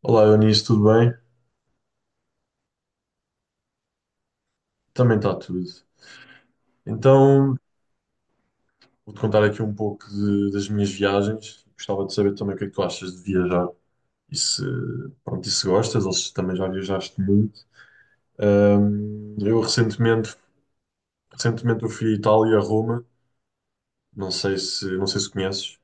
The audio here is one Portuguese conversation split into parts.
Olá, Eunice, tudo bem? Também está tudo. Então, vou-te contar aqui um pouco das minhas viagens. Gostava de saber também o que é que tu achas de viajar e se, pronto, e se gostas ou se também já viajaste muito. Eu recentemente eu fui à Itália, a Roma. Não sei se conheces.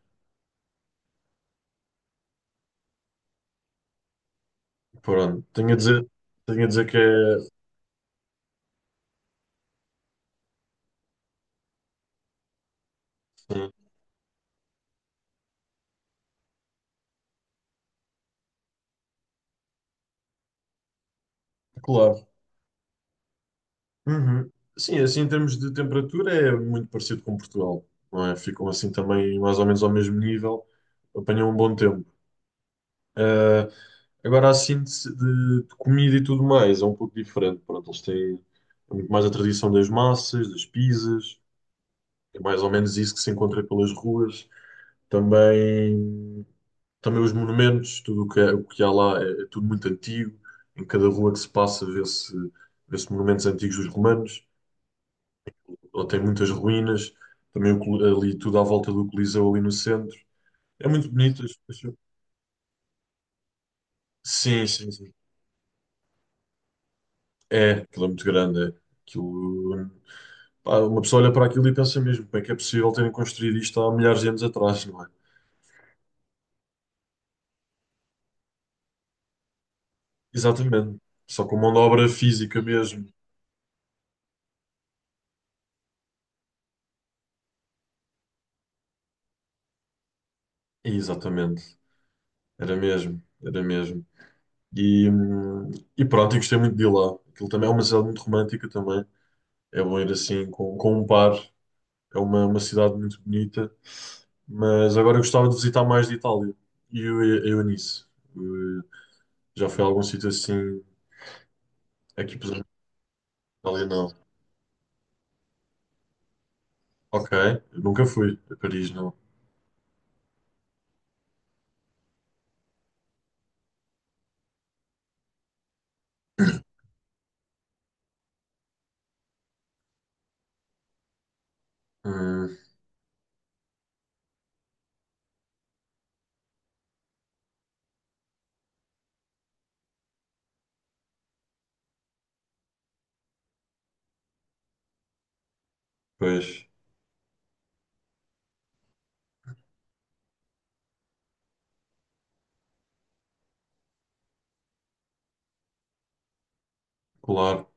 Pronto, tenho a dizer que é, sim, claro. Uhum. Sim, assim em termos de temperatura é muito parecido com Portugal, não é? Ficam assim também mais ou menos ao mesmo nível apanham um bom tempo. Eh, agora, a síntese de comida e tudo mais é um pouco diferente. Pronto, eles têm muito mais a tradição das massas, das pizzas, é mais ou menos isso que se encontra pelas ruas. Também, também os monumentos, tudo o que, o que há lá é, é tudo muito antigo. Em cada rua que se passa vê-se monumentos antigos dos romanos, ou tem muitas ruínas. Também o ali tudo à volta do Coliseu, ali no centro. É muito bonito. As pessoas- Sim, sim, sim. É, aquilo é muito grande. É. Aquilo. Pá, uma pessoa olha para aquilo e pensa mesmo, como é que é possível terem construído isto há milhares de anos atrás, não é? Exatamente. Só com mão de obra física mesmo. Exatamente. Era mesmo, era mesmo. E, hum, e pronto, eu gostei muito de ir lá. Aquilo também é uma cidade muito romântica também. É bom ir assim com um par. É uma cidade muito bonita. Mas agora eu gostava de visitar mais de Itália. E eu, nisso. Eu já fui a algum sítio assim, aqui por exemplo, na Itália não. Ok, eu nunca fui a Paris, não. Hum, pois, claro,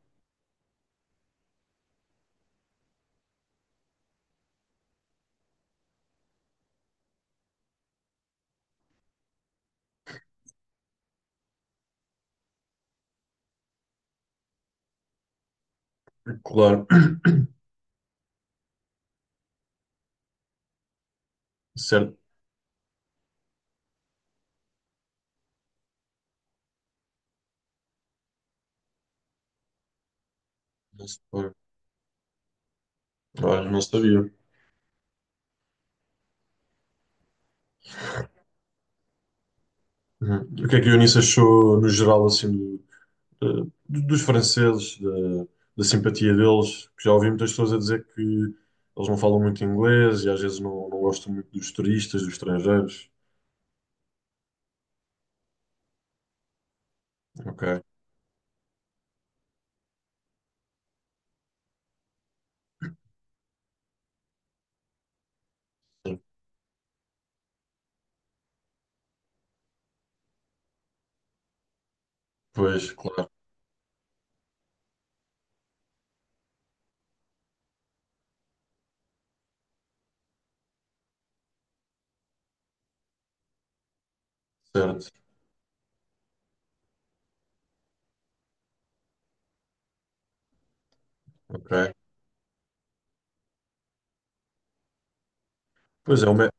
claro. Certo, não se- olha, não sabia. Uhum. O que é que a Eunice achou, no geral, assim, do- dos franceses, da simpatia deles? Porque já ouvi muitas pessoas a dizer que eles não falam muito inglês e às vezes não, não gostam muito dos turistas, dos estrangeiros. Ok, sim. Pois, claro, certo, ok. Pois é,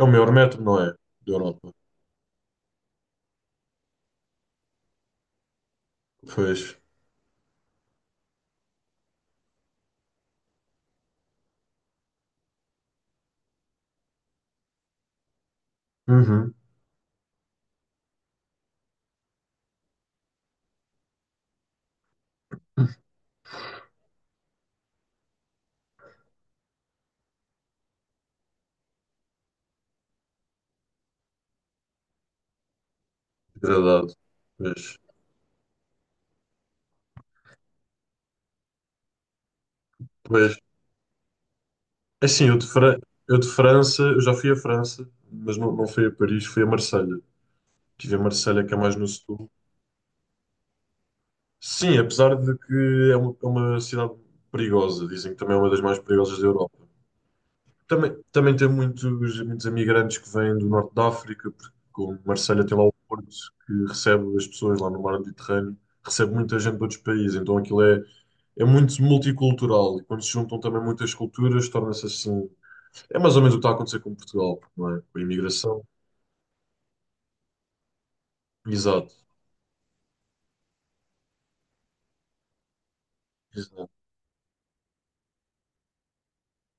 é o maior metro, não é? Da Europa. Pois. Uhum. Degradado. Pois. Pois. Assim, eu de, Fra- eu de França, eu já fui à França, mas não, não fui a Paris, fui a Marselha. Estive em Marselha, que é mais no sul. Sim, apesar de que é é uma cidade perigosa, dizem que também é uma das mais perigosas da Europa. Também tem muitos, muitos imigrantes que vêm do norte da África, porque como Marselha tem lá o porto que recebe as pessoas lá no mar Mediterrâneo, recebe muita gente de outros países, então aquilo é, é muito multicultural e quando se juntam também muitas culturas, torna-se assim. É mais ou menos o que está a acontecer com Portugal, não é? Com a imigração. Exato, exato.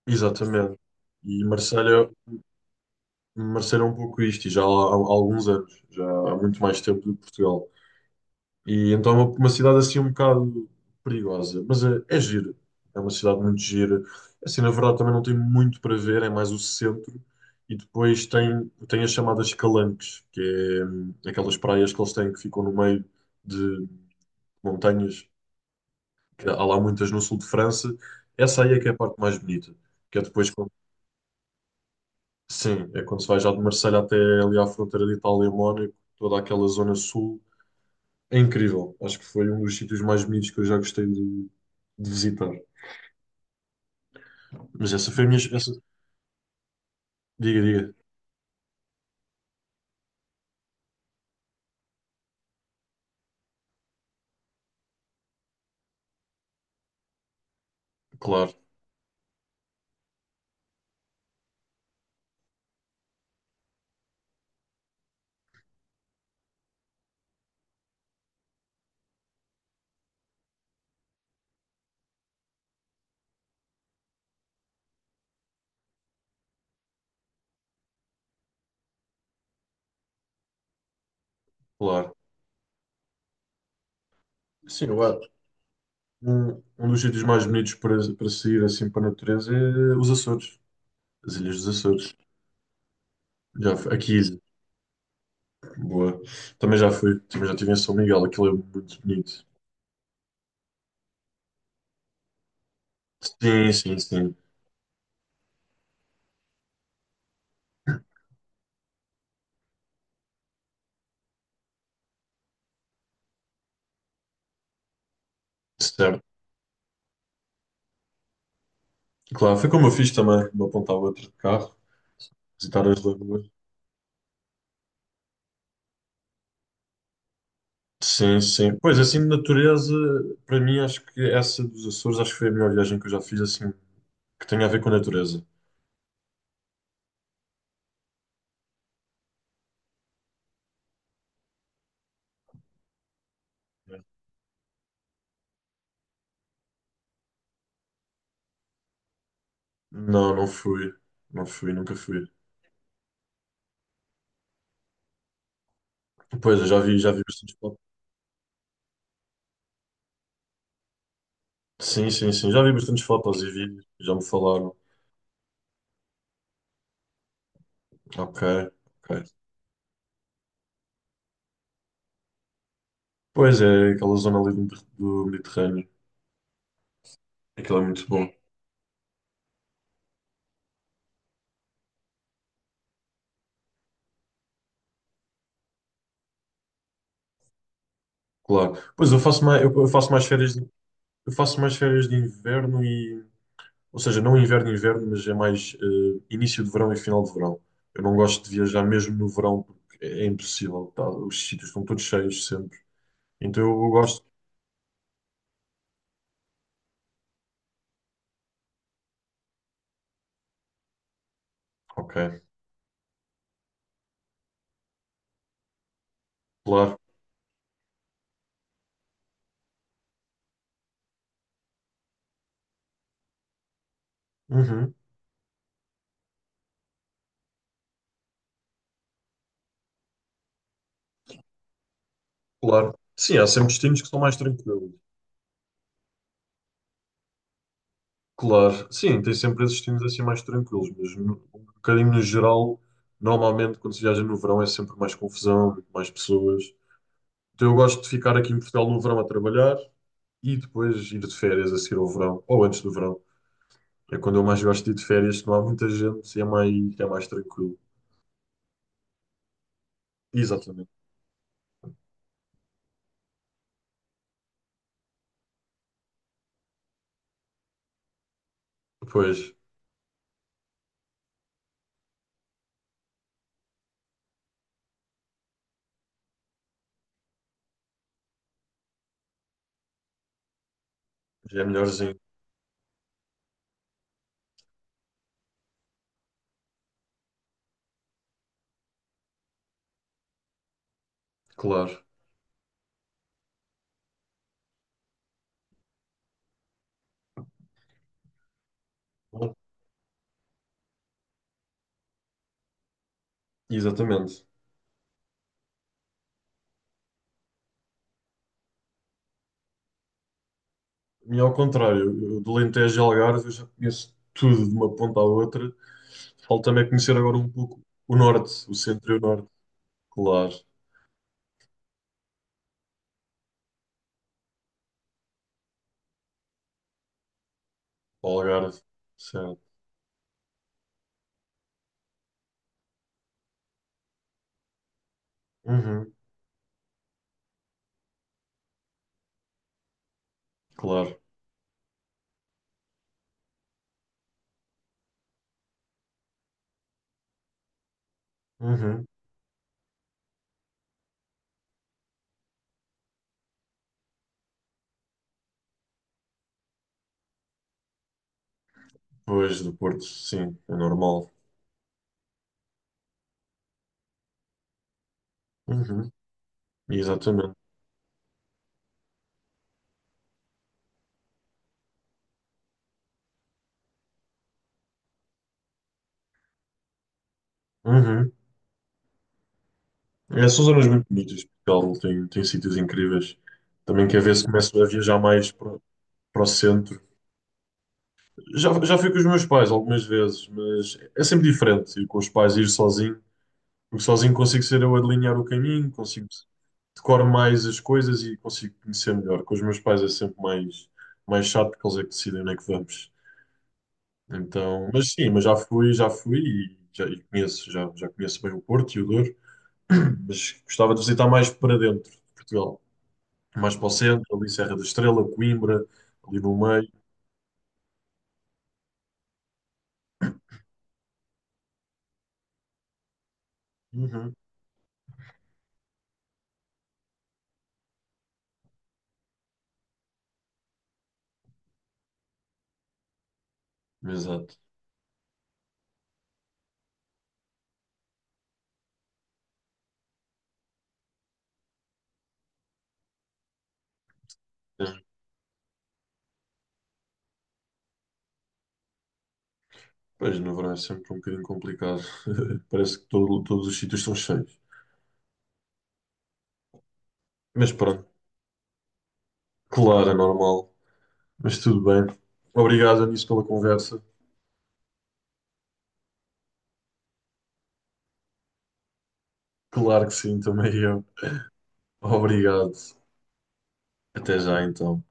Exatamente. E Marselha, Marselha é um pouco isto, e já há, há alguns anos, já há muito mais tempo do que Portugal. E então é uma cidade assim um bocado perigosa, mas é, é gira. É uma cidade muito gira. Assim, na verdade, também não tem muito para ver, é mais o centro. E depois tem, tem as chamadas calanques, que é aquelas praias que eles têm que ficam no meio de montanhas que há lá muitas no sul de França. Essa aí é que é a parte mais bonita, que é depois, quando- sim, é quando se vai já de Marselha até ali à fronteira de Itália e Mónaco, toda aquela zona sul. É incrível. Acho que foi um dos sítios mais bonitos que eu já gostei de visitar. Mas essa foi a minha. Essa... Diga, diga. Claro, claro. Sim, eu acho. Um dos sítios mais bonitos para, para sair assim para a natureza é os Açores, as Ilhas dos Açores. Já fui, aqui, boa. Também já fui, também já estive em São Miguel, aquilo é muito bonito. Sim, sim, sim. Certo. Claro, foi como eu fiz também, de uma ponta à outra de carro, visitar as lagoas. Sim, sim. Pois, assim, de natureza, para mim, acho que essa dos Açores, acho que foi a melhor viagem que eu já fiz, assim, que tenha a ver com natureza. Não, não fui. Não fui, nunca fui. Pois, eu já vi bastantes fotos. Sim, sim, sim. Já vi bastantes fotos e vídeos, já me falaram. Ok, ok. Pois é, aquela zona ali do, do Mediterrâneo. Aquilo é muito bom, claro. Pois eu faço mais férias Eu faço mais férias de inverno e, ou seja, não inverno, inverno, mas é mais início de verão e final de verão. Eu não gosto de viajar mesmo no verão porque é, é impossível, tá? Os sítios estão todos cheios sempre. Então eu gosto. Ok, claro. Uhum, claro. Sim, há sempre destinos que são mais tranquilos. Claro, sim, tem sempre esses destinos assim mais tranquilos, mas um bocadinho no geral, normalmente quando se viaja no verão é sempre mais confusão, muito mais pessoas. Então eu gosto de ficar aqui em Portugal no verão a trabalhar e depois ir de férias a seguir ao verão, ou antes do verão. É quando eu mais gosto de ir de férias, que não há muita gente e é mais tranquilo. Exatamente. Depois, já é melhorzinho, claro. Bom, exatamente. E ao contrário, eu do Alentejo e Algarve eu já conheço tudo de uma ponta à outra. Falta-me é conhecer agora um pouco o norte, o centro e o norte. Claro, o Algarve, certo. Uhum, claro. Uhum. Pois, do Porto, sim, é normal. Uhum, exatamente. Uhum. É, são zonas muito bonitas. Portugal tem, tem sítios incríveis. Também quer ver se começo a viajar mais para, para o centro. Já, já fui com os meus pais algumas vezes, mas é sempre diferente ir com os pais, ir sozinho, porque sozinho consigo ser eu a delinear o caminho, consigo decoro mais as coisas e consigo conhecer melhor. Com os meus pais é sempre mais, mais chato, porque eles é que decidem onde é que vamos. Então, mas sim, mas já fui e já e conheço, já, já conheço bem o Porto e o Douro, mas gostava de visitar mais para dentro de Portugal, mais para o centro, ali Serra da Estrela, Coimbra, ali no meio. Uhum. Exato. É, pois, no verão é sempre um bocadinho complicado. Parece que todos os sítios estão cheios. Mas pronto, claro, é normal. Mas tudo bem. Obrigado, Anísio, pela conversa. Claro que sim, também eu. Obrigado. Até já, então.